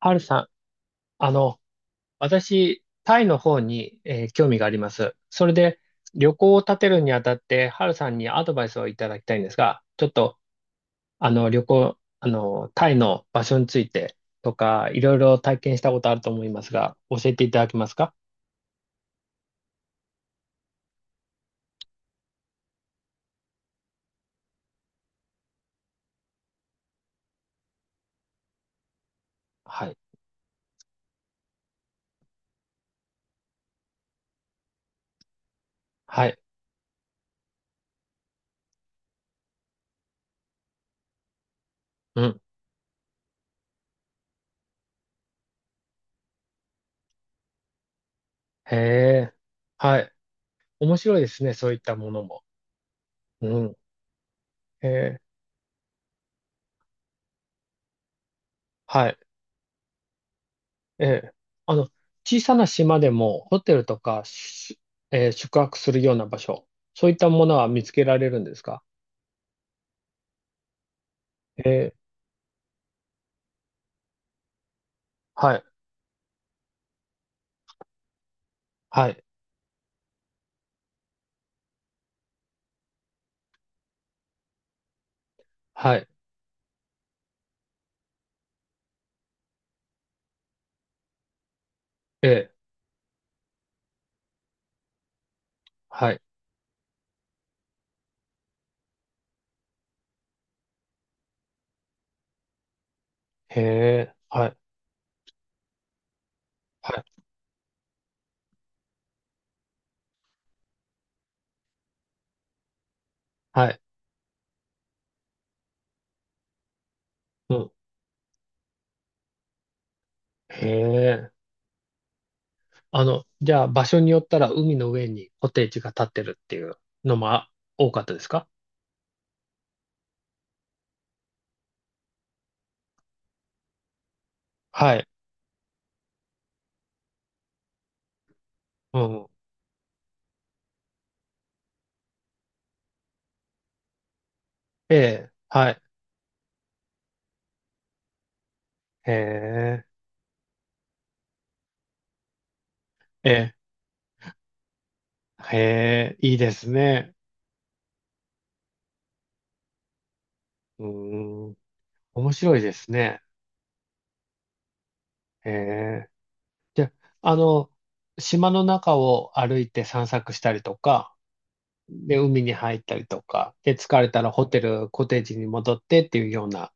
ハルさん、あの、私、タイの方に、興味があります。それで、旅行を立てるにあたって、ハルさんにアドバイスをいただきたいんですが、ちょっと、旅行、タイの場所についてとか、いろいろ体験したことあると思いますが、教えていただけますか？はい。はい。うん。へえ。はい。面白いですね、そういったものも。うん。へえ。はい。ええ。あの、小さな島でもホテルとかし、宿泊するような場所、そういったものは見つけられるんですか？ええ、はい、はい、はい、ええ、はい、へえ、はい、はい、はい、うん、へえ。じゃあ場所によったら海の上にコテージが建ってるっていうのも多かったですか？はい、うん、ええ、はい、へえ、ええ、へえ、いいですね。うーん、面白いですね。へえ。じゃあ、島の中を歩いて散策したりとか、で、海に入ったりとか、で、疲れたらホテル、コテージに戻ってっていうような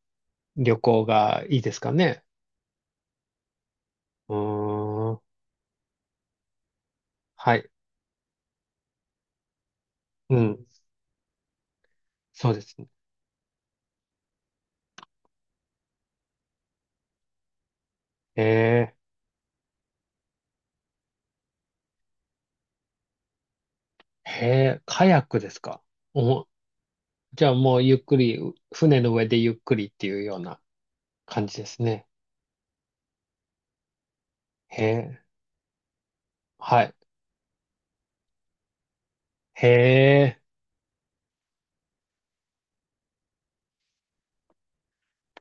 旅行がいいですかね。うーん。はい。うん。そうですね。へえ。へえ、カヤックですか。お、じゃあもうゆっくり、船の上でゆっくりっていうような感じですね。へえ。はい。へえ。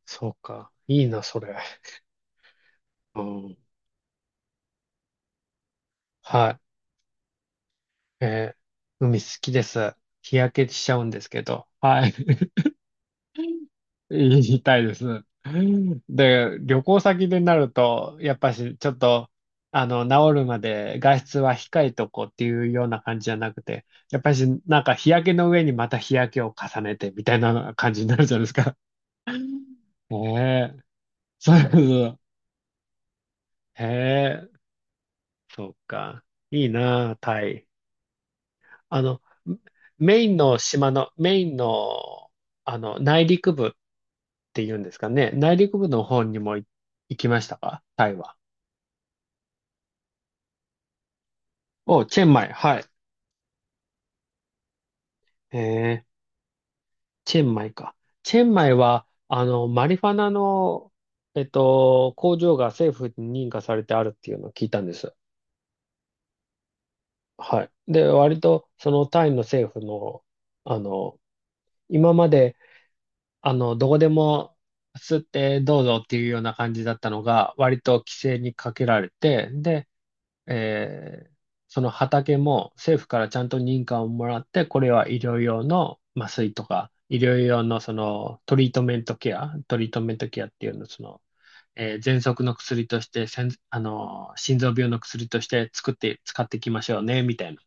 そうか。いいな、それ。うん。はい。えー海好きです。日焼けしちゃうんですけど。はい。言いたいです。で、旅行先でなると、やっぱし、ちょっと、治るまで外出は控えとこうっていうような感じじゃなくて、やっぱし、なんか日焼けの上にまた日焼けを重ねてみたいな感じになるじゃないですか。ねえ。そうそう。へえ。そっか。いいなあ、タイ。あの、メインの島の、メインの、内陸部っていうんですかね。内陸部の方にも行きましたかタイは？お、チェンマイ。はい。えー、チェンマイか。チェンマイは、マリファナの、工場が政府に認可されてあるっていうのを聞いたんです。はい。で、割と、そのタイの政府の、あの、今までどこでも吸ってどうぞっていうような感じだったのが、割と規制にかけられて、で、えーその畑も政府からちゃんと認可をもらって、これは医療用の麻酔とか、医療用のそのトリートメントケアっていうの、その、喘息の薬として、せん、あの心臓病の薬として作って、使っていきましょうね、みたいな。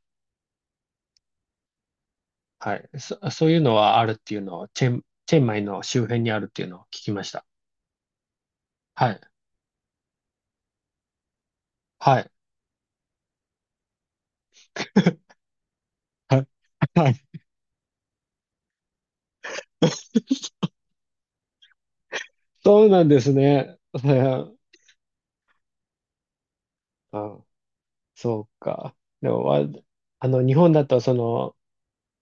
はい。そういうのはあるっていうのを、チェンマイの周辺にあるっていうのを聞きました。はい。はい。はい。はい。そうなんですね。うん。あ、そうか。でも、日本だと、その、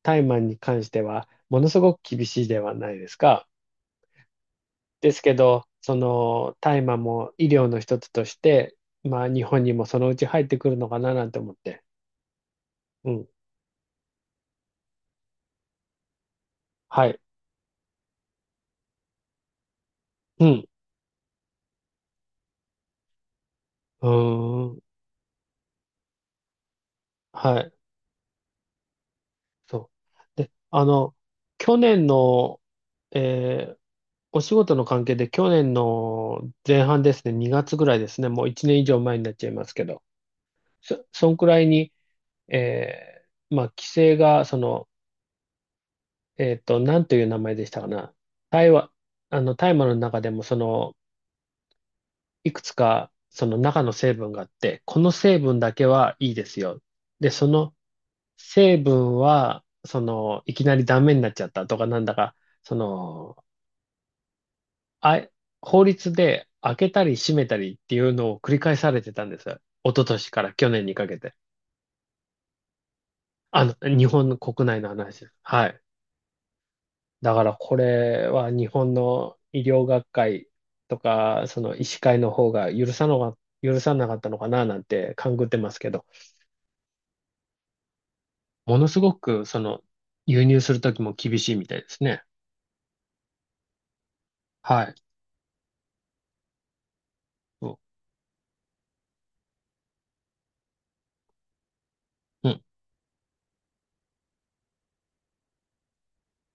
タイマンに関しては、ものすごく厳しいではないですか。ですけど、その、大麻も医療の一つとして、まあ、日本にもそのうち入ってくるのかななんて思って。うん。はい。うん。うーん。はい。そう。で、去年の、えーお仕事の関係で去年の前半ですね、2月ぐらいですね、もう1年以上前になっちゃいますけど、そんくらいに、えまあ、規制が、その、なんという名前でしたかな。大麻、大麻の中でも、その、いくつか、その中の成分があって、この成分だけはいいですよ。で、その成分は、その、いきなりダメになっちゃったとか、なんだか、その、あ、法律で開けたり閉めたりっていうのを繰り返されてたんですよ。一昨年から去年にかけて。日本の国内の話です。はい。だからこれは日本の医療学会とか、その医師会の方が許さなかったのかななんて勘ぐってますけど、ものすごくその輸入するときも厳しいみたいですね。はい。そう。うん。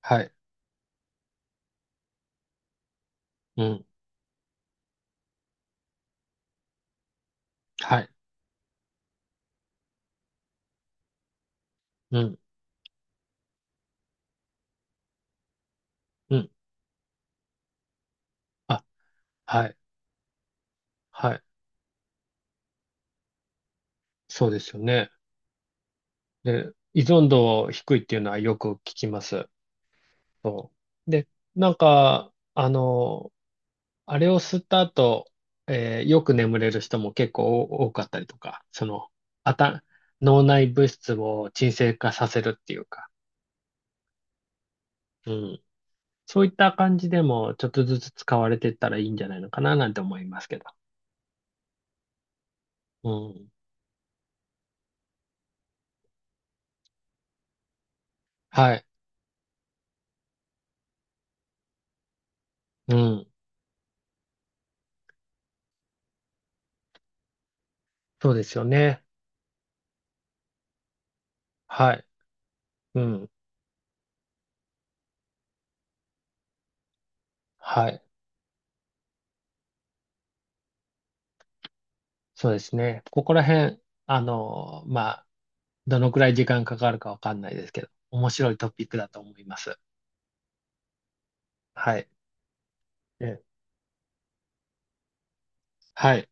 はい。うん。はい。うん。うん。あ、はい。はい。そうですよね。で、依存度低いっていうのはよく聞きます。そう。で、なんか、あれを吸った後、よく眠れる人も結構多かったりとか、その、あた、脳内物質を鎮静化させるっていうか、うん。そういった感じでも、ちょっとずつ使われていったらいいんじゃないのかななんて思いますけど。うん。はい。うん。そうですよね。はい。うん。はい。そうですね。ここら辺、まあ、どのくらい時間かかるかわかんないですけど、面白いトピックだと思います。はい。えはい。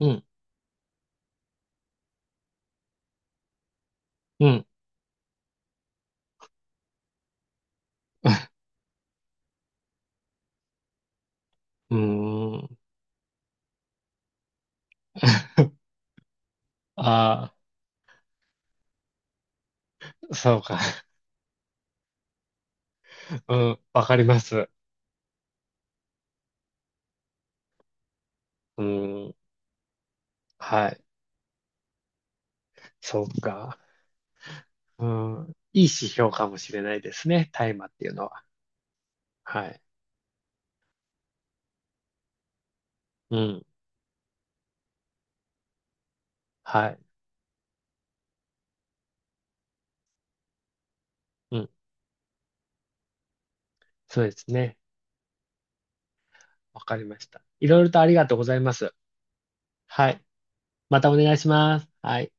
うん。うん。うーん。ああ、そうか。うん。わかります。うん。はい。そうか。うん。いい指標かもしれないですね。大麻っていうのは。はい。うん。はい。うん。そうですね。わかりました。いろいろとありがとうございます。はい。またお願いします。はい。